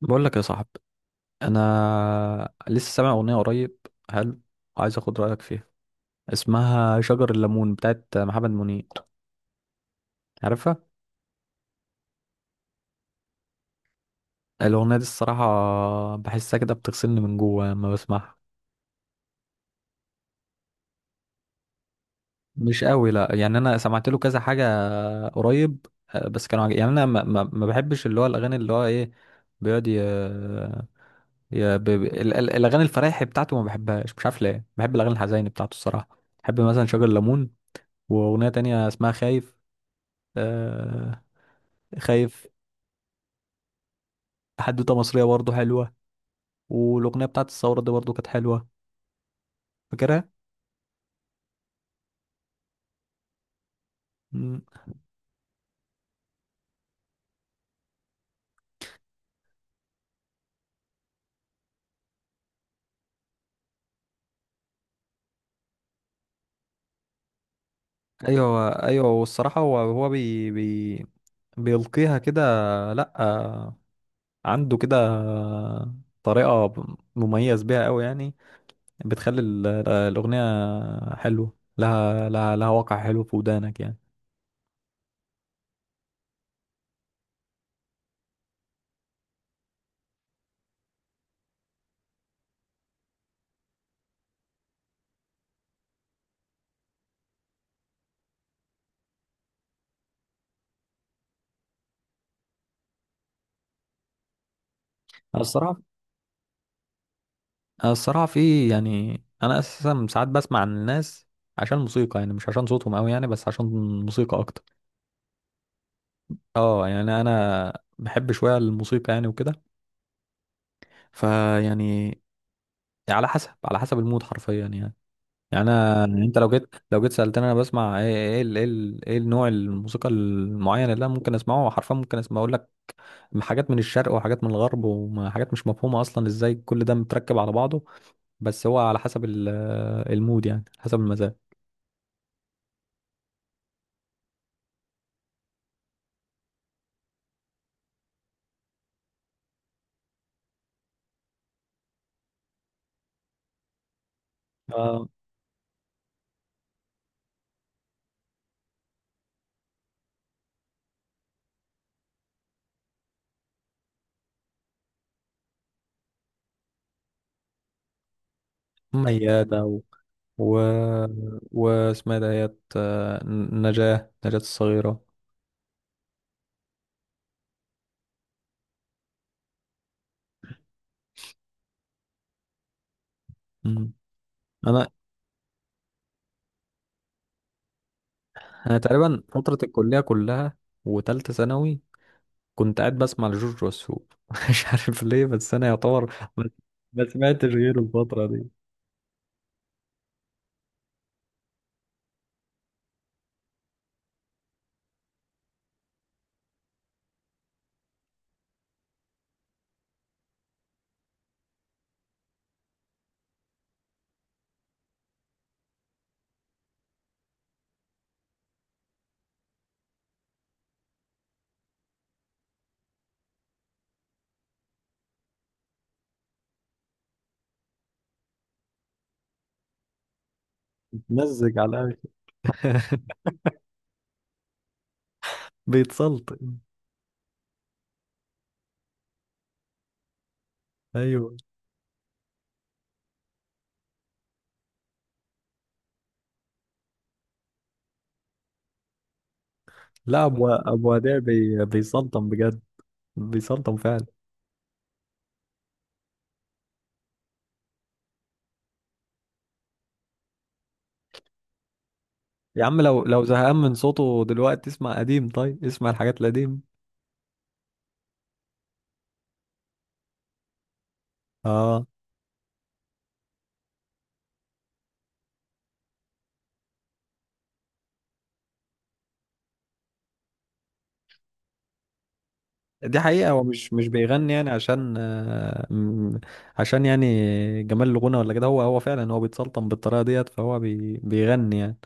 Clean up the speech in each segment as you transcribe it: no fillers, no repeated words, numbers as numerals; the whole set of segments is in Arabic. بقول لك يا صاحبي، انا لسه سامع اغنيه قريب. حلو. عايز اخد رايك فيها. اسمها شجر الليمون بتاعت محمد منير. عارفها؟ الاغنيه دي الصراحه بحسها كده بتغسلني من جوه لما بسمعها. مش قوي، لا يعني انا سمعت له كذا حاجه قريب. آه، بس كانوا عجب. يعني انا ما بحبش اللي هو الاغاني اللي هو ايه. بيقعد ي... ي... ب... ب- ال- ال- الاغاني الفرايح بتاعته ما بحبهاش، مش عارف ليه، بحب الاغاني الحزينه بتاعته. الصراحه بحب مثلا شجر الليمون، واغنيه تانية اسمها خايف. آه، خايف. حدوتة مصرية برضو حلوة، والأغنية بتاعت الثورة دي برضو كانت حلوة. فاكرها؟ مم. أيوة أيوة، والصراحة هو بي بي بيلقيها كده. لأ، آه، عنده كده طريقة مميز بيها أوي يعني. بتخلي الأغنية حلوة، لها واقع حلو في ودانك يعني. أنا الصراحة أنا الصراحة في يعني أنا أساسا ساعات بسمع عن الناس عشان الموسيقى، يعني مش عشان صوتهم أوي يعني، بس عشان الموسيقى أكتر. اه، يعني انا بحب شويه الموسيقى يعني وكده. فيعني على حسب، على حسب المود حرفيا يعني. يعني انا يعني انت لو جيت، سالتني انا بسمع ايه، ايه النوع الموسيقى المعين اللي انا ممكن اسمعه حرفيا، ممكن اسمع اقول لك حاجات من الشرق وحاجات من الغرب وحاجات مش مفهومه اصلا ازاي كل ده متركب على بعضه. بس هو على حسب المود يعني، حسب المزاج. آه، ام ميادة و واسمها إيه دهيت، آه، نجاة، نجاة الصغيرة. مم. انا انا تقريبا فترة الكلية كلها وتالتة ثانوي كنت قاعد بسمع لجورج وسوف مش عارف ليه، بس انا يعتبر ما سمعتش غيره الفترة دي. مزج على الأقل. بيتسلطن. ايوه. لا، ابو وديع بيسلطن بجد. بيسلطن فعلا. يا عم، لو لو زهقان من صوته دلوقتي اسمع قديم، طيب اسمع الحاجات القديمة. اه، دي حقيقة، هو مش مش بيغني يعني عشان آه، عشان يعني جمال الغنى ولا كده. هو فعلا هو بيتسلطن بالطريقة ديت، فهو بيغني يعني.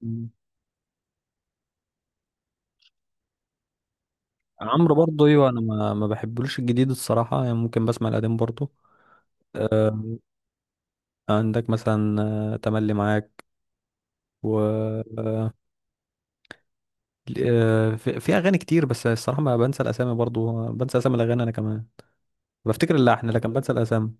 مم. عمرو برضه، ايوه، انا ما بحبلوش الجديد الصراحة يعني، ممكن بسمع القديم برضه. آه، عندك مثلا آه، تملي معاك، و آه، آه، في في اغاني كتير، بس الصراحة ما بنسى الاسامي برضه، بنسى اسامي الاغاني انا كمان. بفتكر اللحن لكن بنسى الاسامي.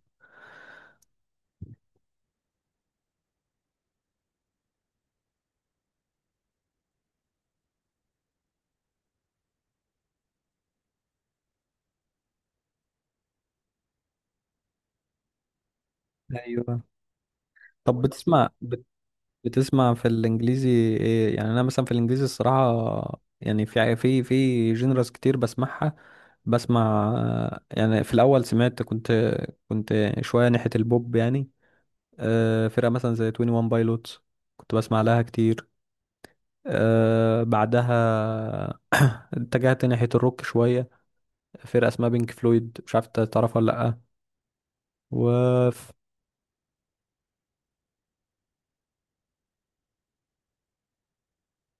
ايوه. طب بتسمع في الانجليزي؟ ايه يعني انا مثلا في الانجليزي الصراحه يعني في جينرز كتير بسمعها. بسمع يعني في الاول سمعت، كنت شويه ناحيه البوب يعني. آه، فرقه مثلا زي 21 بايلوتس كنت بسمع لها كتير. آه، بعدها اتجهت ناحيه الروك شويه. فرقه اسمها بينك فلويد، مش عارف إنت تعرفها ولا لا.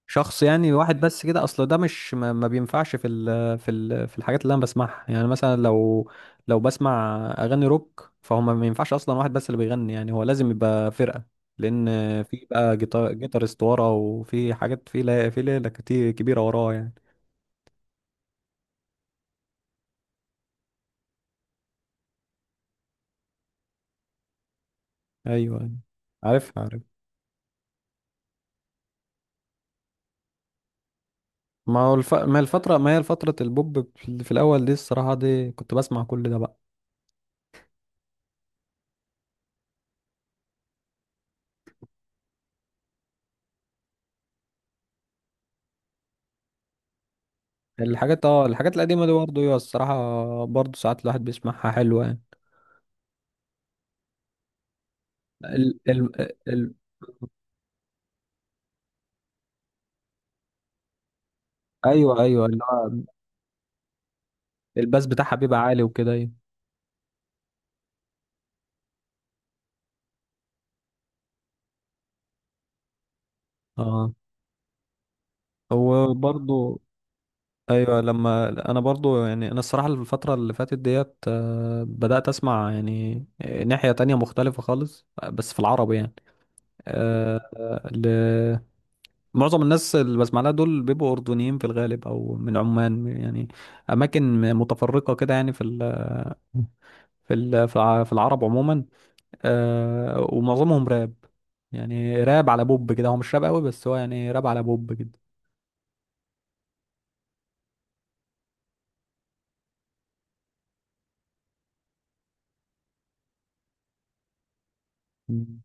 شخص يعني واحد بس كده، اصل ده مش ما بينفعش في ال في ال في الحاجات اللي انا بسمعها يعني. مثلا لو، لو بسمع اغاني روك، فهم ما ينفعش اصلا واحد بس اللي بيغني يعني، هو لازم يبقى فرقة. لان في بقى جيتار، جيتارست وراه، وفي حاجات، في لا في ليلة كتير كبيرة وراه يعني. ايوه، أيوة. عارف عارف. ما هو الفترة، ما هي فترة البوب في في الاول دي، الصراحة دي كنت بسمع كل ده بقى. الحاجات، اه، الحاجات القديمة دي برضه، أيوه، الصراحة برضه ساعات الواحد بيسمعها حلوة يعني. ال... ال... ال... ايوه ايوه، اللي هو الباس بتاعها بيبقى عالي وكده، ايوه. اه، هو برضو، ايوه. لما انا برضو يعني انا الصراحه الفتره اللي فاتت ديت آه، بدات اسمع يعني ناحيه تانية مختلفه خالص، بس في العربي يعني. آه، آه، معظم الناس اللي بسمع لها دول بيبقوا اردنيين في الغالب او من عمان يعني، اماكن متفرقه كده يعني، في العرب عموما. آه، ومعظمهم راب يعني، راب على بوب كده، هو مش راب قوي، بس هو يعني راب على بوب كده. مم.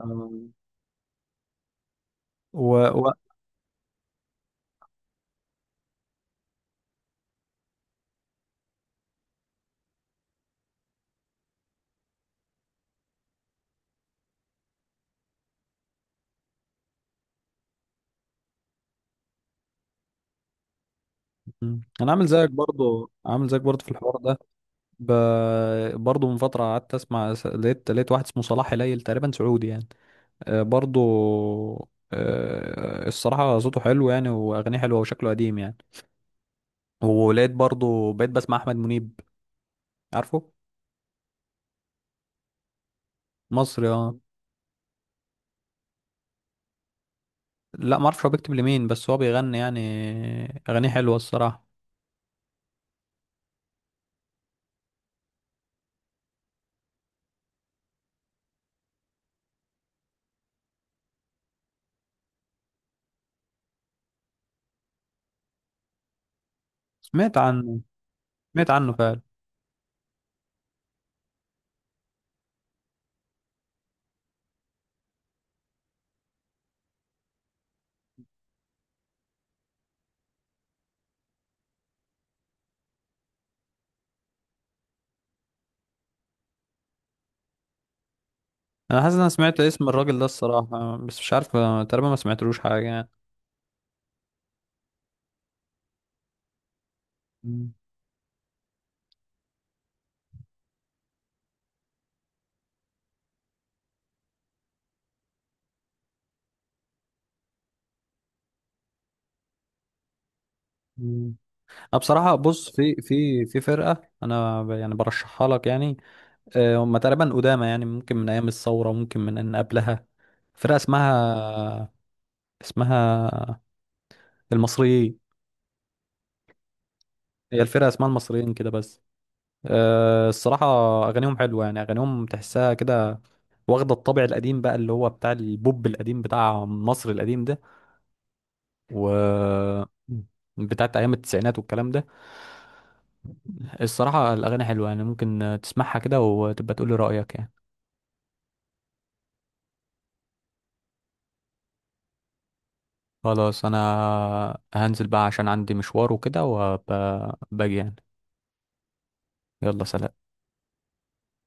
آه، و... و... مم. انا عامل زيك برضو، عامل زيك برضو في الحوار ده. ب... برضو من فتره قعدت اسمع، لقيت، لقيت واحد اسمه صلاح هليل، تقريبا سعودي يعني. آه، برضو آه، الصراحه صوته حلو يعني، واغانيه حلوه وشكله قديم يعني. ولقيت برضو بقيت بسمع احمد منيب. عارفه؟ مصري، اه. لا، ما اعرفش هو بيكتب لمين، بس هو بيغني يعني، اغانيه حلوه الصراحه. سمعت عنه. سمعت عنه فعلا. انا حاسس ان انا سمعت اسم الراجل ده الصراحه، بس مش عارف، آه، تقريبا ما سمعتلوش حاجه يعني. مم. مم. انا بصراحه بص، في فرقه انا يعني برشحها لك يعني. آه، هم تقريبا قدامى يعني، ممكن من ايام الثوره، ممكن من ان قبلها. فرقه اسمها، اسمها المصريين. هي الفرقه اسمها المصريين كده بس. آه، الصراحه اغانيهم حلوه يعني، اغانيهم تحسها كده واخده الطابع القديم بقى، اللي هو بتاع البوب القديم بتاع مصر القديم ده، و بتاعت ايام التسعينات والكلام ده. الصراحه الاغاني حلوه يعني، ممكن تسمعها كده وتبقى تقول لي رايك يعني. خلاص انا هنزل بقى عشان عندي مشوار وكده وباجي يعني. يلا سلام.